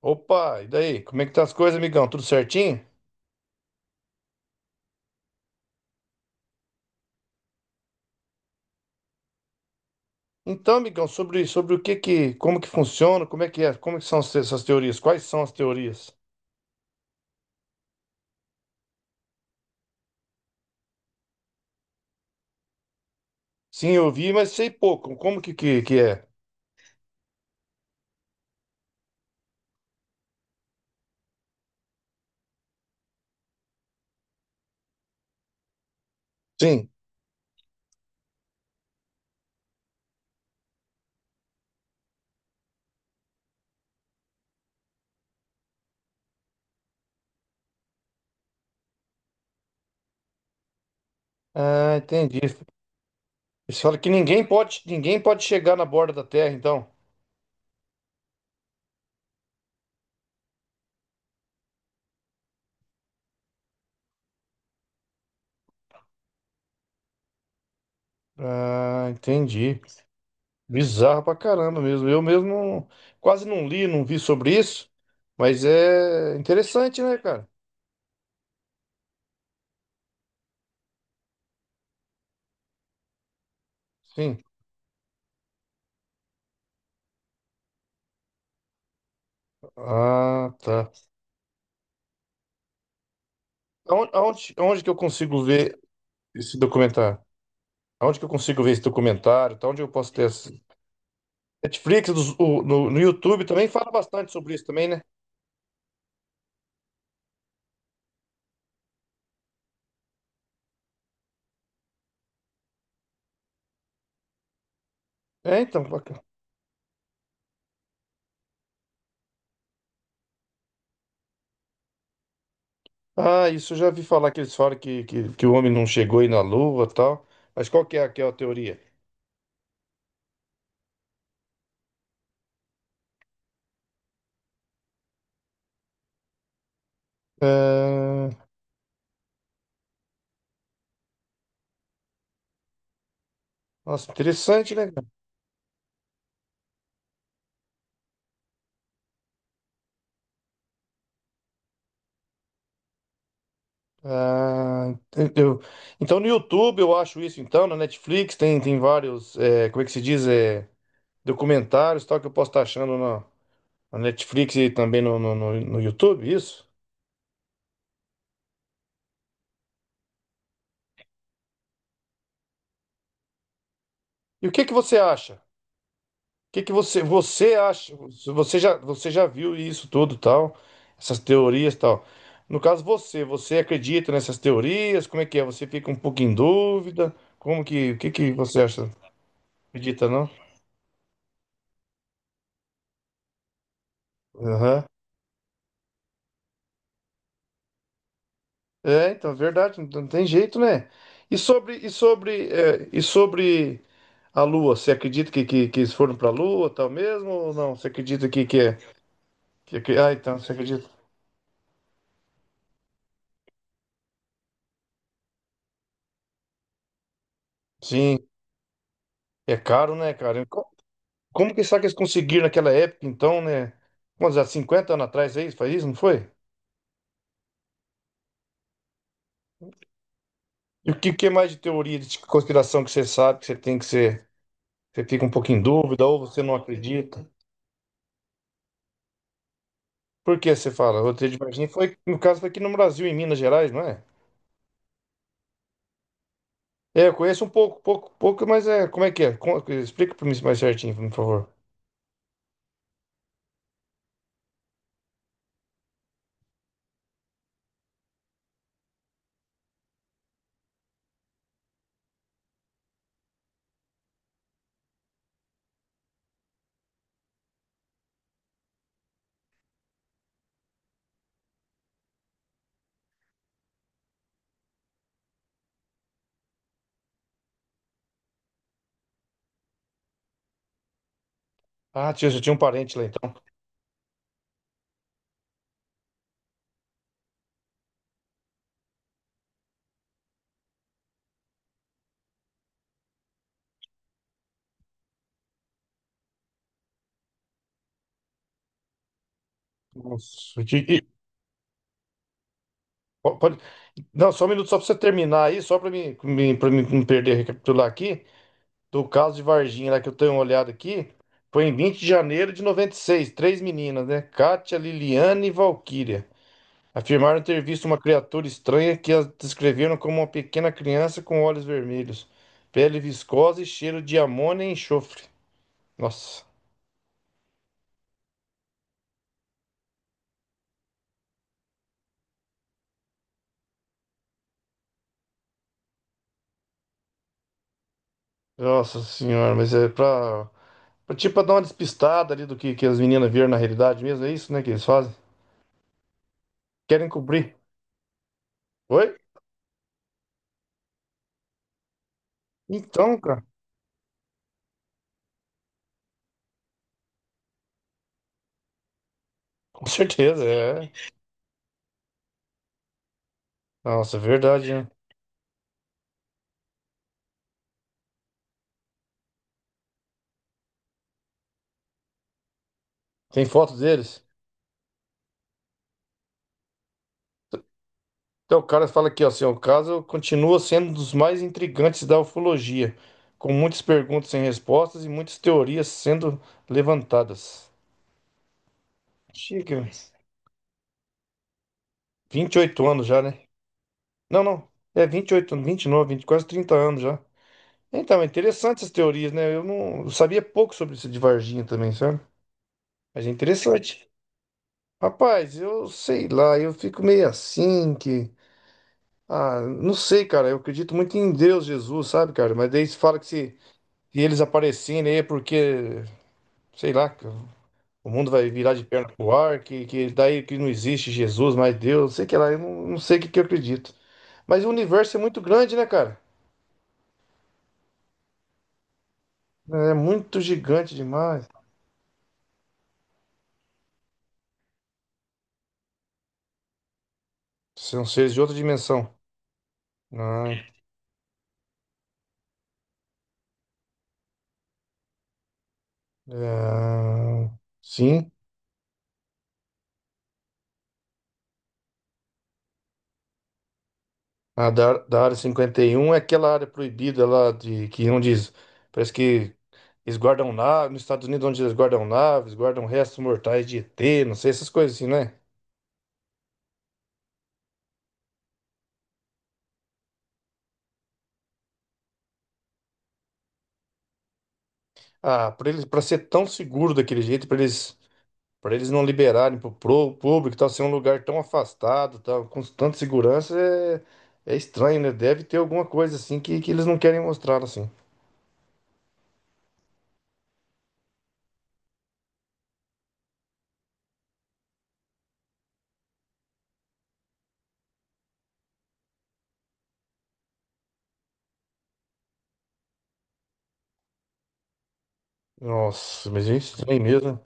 Opa, e daí? Como é que tá as coisas, amigão? Tudo certinho? Então, amigão, sobre o que que, como que funciona, como é que é, como que são essas teorias? Quais são as teorias? Sim, eu vi, mas sei pouco. Como que é? Sim. Ah, entendi. Eles falam que ninguém pode chegar na borda da Terra, então. Ah, entendi. Bizarro pra caramba mesmo. Eu mesmo não- Quase não li, não vi sobre isso, mas é interessante, né, cara? Sim. Ah, tá. Aonde que eu consigo ver esse documentário? Onde que eu consigo ver esse documentário? Tá? Onde eu posso ter essa... Netflix, no, no YouTube também fala bastante sobre isso também, né? É, então, bacana. Ah, isso eu já vi falar que eles falam que o homem não chegou aí na Lua e tal. Mas qual que é aquela teoria? Ah, nossa, interessante, né, cara? Ah, eu- então no YouTube eu acho isso, então, na Netflix tem, tem vários, é, como é que se diz? É, documentários e tal que eu posso estar achando na, na Netflix e também no YouTube, isso? E o que que você acha? O que que você acha? Você já viu isso tudo, tal, essas teorias, tal. No caso você acredita nessas teorias? Como é que é? Você fica um pouco em dúvida? Como que o que que você acha? Acredita não? Aham. É, então, é verdade, não tem jeito, né? E sobre a Lua, você acredita que eles foram para a Lua, tal mesmo ou não? Você acredita que é? Ah, então, você acredita? Sim, é caro, né, cara? Como que será que eles conseguiram naquela época, então, né? Quantos anos? 50 anos atrás, aí faz isso, não foi? E o que, que é mais de teoria de conspiração que você sabe, que você tem que ser, você fica um pouco em dúvida ou você não acredita? Por que você fala? Roteiro de Varginha foi, no caso, foi aqui no Brasil, em Minas Gerais, não é? É, eu conheço um pouco, mas é, como é que é? Explica para mim mais certinho, por favor. Ah, tio, eu tinha um parente lá, então. Nossa, eu tinha- e- po- pode- não, só um minuto, só para você terminar aí, só para mim pra mim não perder, recapitular aqui. Do caso de Varginha, lá que eu tenho uma olhada aqui, foi em 20 de janeiro de 1996. Três meninas, né? Kátia, Liliane e Valquíria. Afirmaram ter visto uma criatura estranha que as descreveram como uma pequena criança com olhos vermelhos, pele viscosa e cheiro de amônia e enxofre. Nossa, nossa senhora, mas é pra tipo pra dar uma despistada ali do que as meninas viram na realidade mesmo. É isso, né? Que eles fazem? Querem cobrir. Oi? Então, cara, com certeza, é. Nossa, é verdade, né? Tem foto deles? Então, o cara fala aqui, ó, seu caso continua sendo um dos mais intrigantes da ufologia, com muitas perguntas sem respostas e muitas teorias sendo levantadas. Chega, 28 anos já, né? Não, não, é 28, 29, vinte, quase 30 anos já. Então, é interessante essas teorias, né? Eu não eu sabia pouco sobre isso de Varginha também, sabe? Mas é interessante. Rapaz, eu sei lá, eu fico meio assim que... Ah, não sei, cara, eu acredito muito em Deus, Jesus, sabe, cara? Mas daí se fala que se... e eles aparecendo aí porque, sei lá, que o mundo vai virar de perna pro ar, que daí que não existe Jesus, mas Deus, sei que lá, eu não, não sei o que, que eu acredito. Mas o universo é muito grande, né, cara? É muito gigante demais. São seres de outra dimensão. Ah, é, sim, a da Área 51 é aquela área proibida lá de que onde parece que eles guardam naves, nos Estados Unidos onde eles guardam naves, guardam restos mortais de ET, não sei, essas coisas assim, né? Ah, para eles, para ser tão seguro daquele jeito, para eles não liberarem pro público, e tal, ser um lugar tão afastado, tal, com tanta segurança, é, é estranho, né? Deve ter alguma coisa assim que eles não querem mostrar, assim. Nossa, mas é estranho mesmo, né?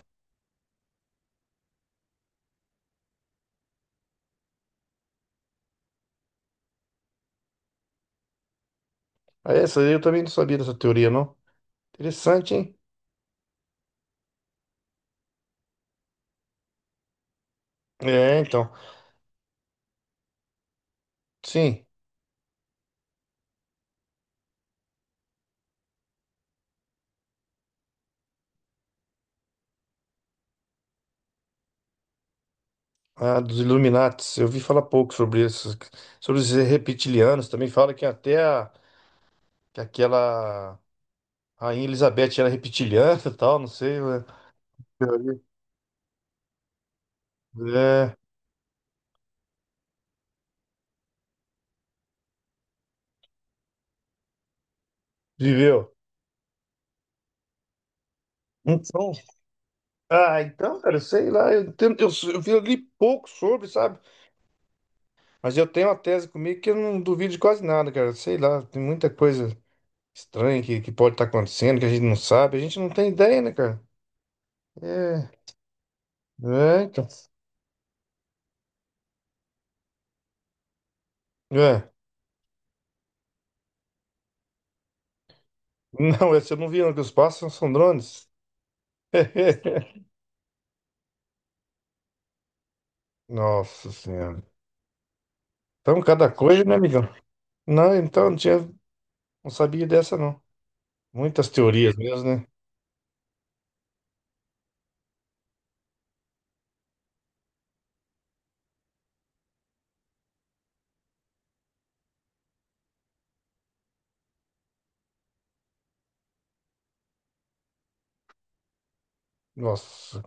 Ah, essa aí eu também não sabia dessa teoria, não. Interessante, hein? É, então. Sim, a dos Illuminates, eu vi falar pouco sobre isso, sobre os reptilianos, também fala que até que aquela Rainha Elizabeth era reptiliana e tal, não sei, né? É, viveu. Então, ah, então, cara, eu sei lá, eu vi ali pouco sobre, sabe? Mas eu tenho uma tese comigo que eu não duvido de quase nada, cara. Sei lá, tem muita coisa estranha que pode estar acontecendo, que a gente não sabe, a gente não tem ideia, né, cara? É, é, então. É. Não, essa eu não vi, não, que os pássaros são drones. Nossa Senhora. Então, cada coisa, né, amigão? Não, então, não tinha, não sabia dessa, não. Muitas teorias mesmo, né? Nossa.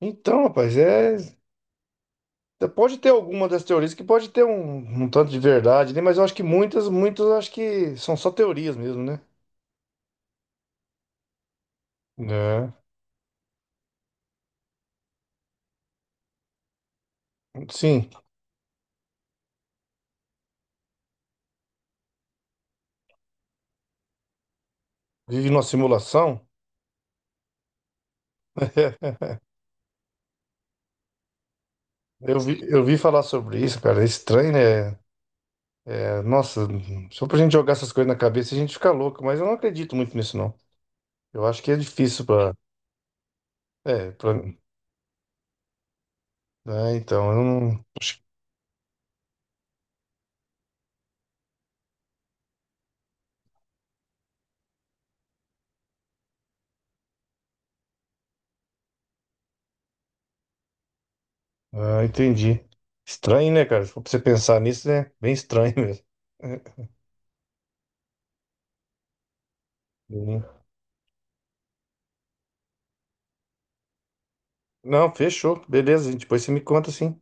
Então, rapaz, é. Pode ter alguma das teorias que pode ter um, um tanto de verdade, né? Mas eu acho que muitas eu acho que são só teorias mesmo, né? É. Sim, vive numa simulação. Eu vi falar sobre isso, cara. É estranho, né? É, nossa, só pra gente jogar essas coisas na cabeça a gente fica louco, mas eu não acredito muito nisso, não. Eu acho que é difícil pra. É, pra. É, então, eu não. acho- Ah, entendi. Estranho, né, cara? Se for pra você pensar nisso, né? Bem estranho mesmo. É. Não, fechou. Beleza, depois você me conta, sim.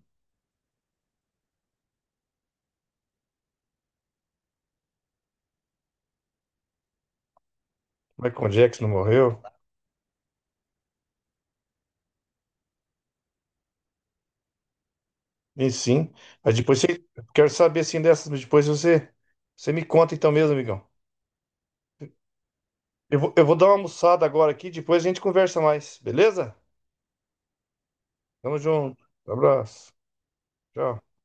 Michael Jackson não morreu? E sim. Mas depois você... Quero saber, assim, dessas, mas depois você... Você me conta então mesmo, amigão. Eu vou dar uma almoçada agora aqui, depois a gente conversa mais, beleza? Tamo junto. Abraço. Tchau.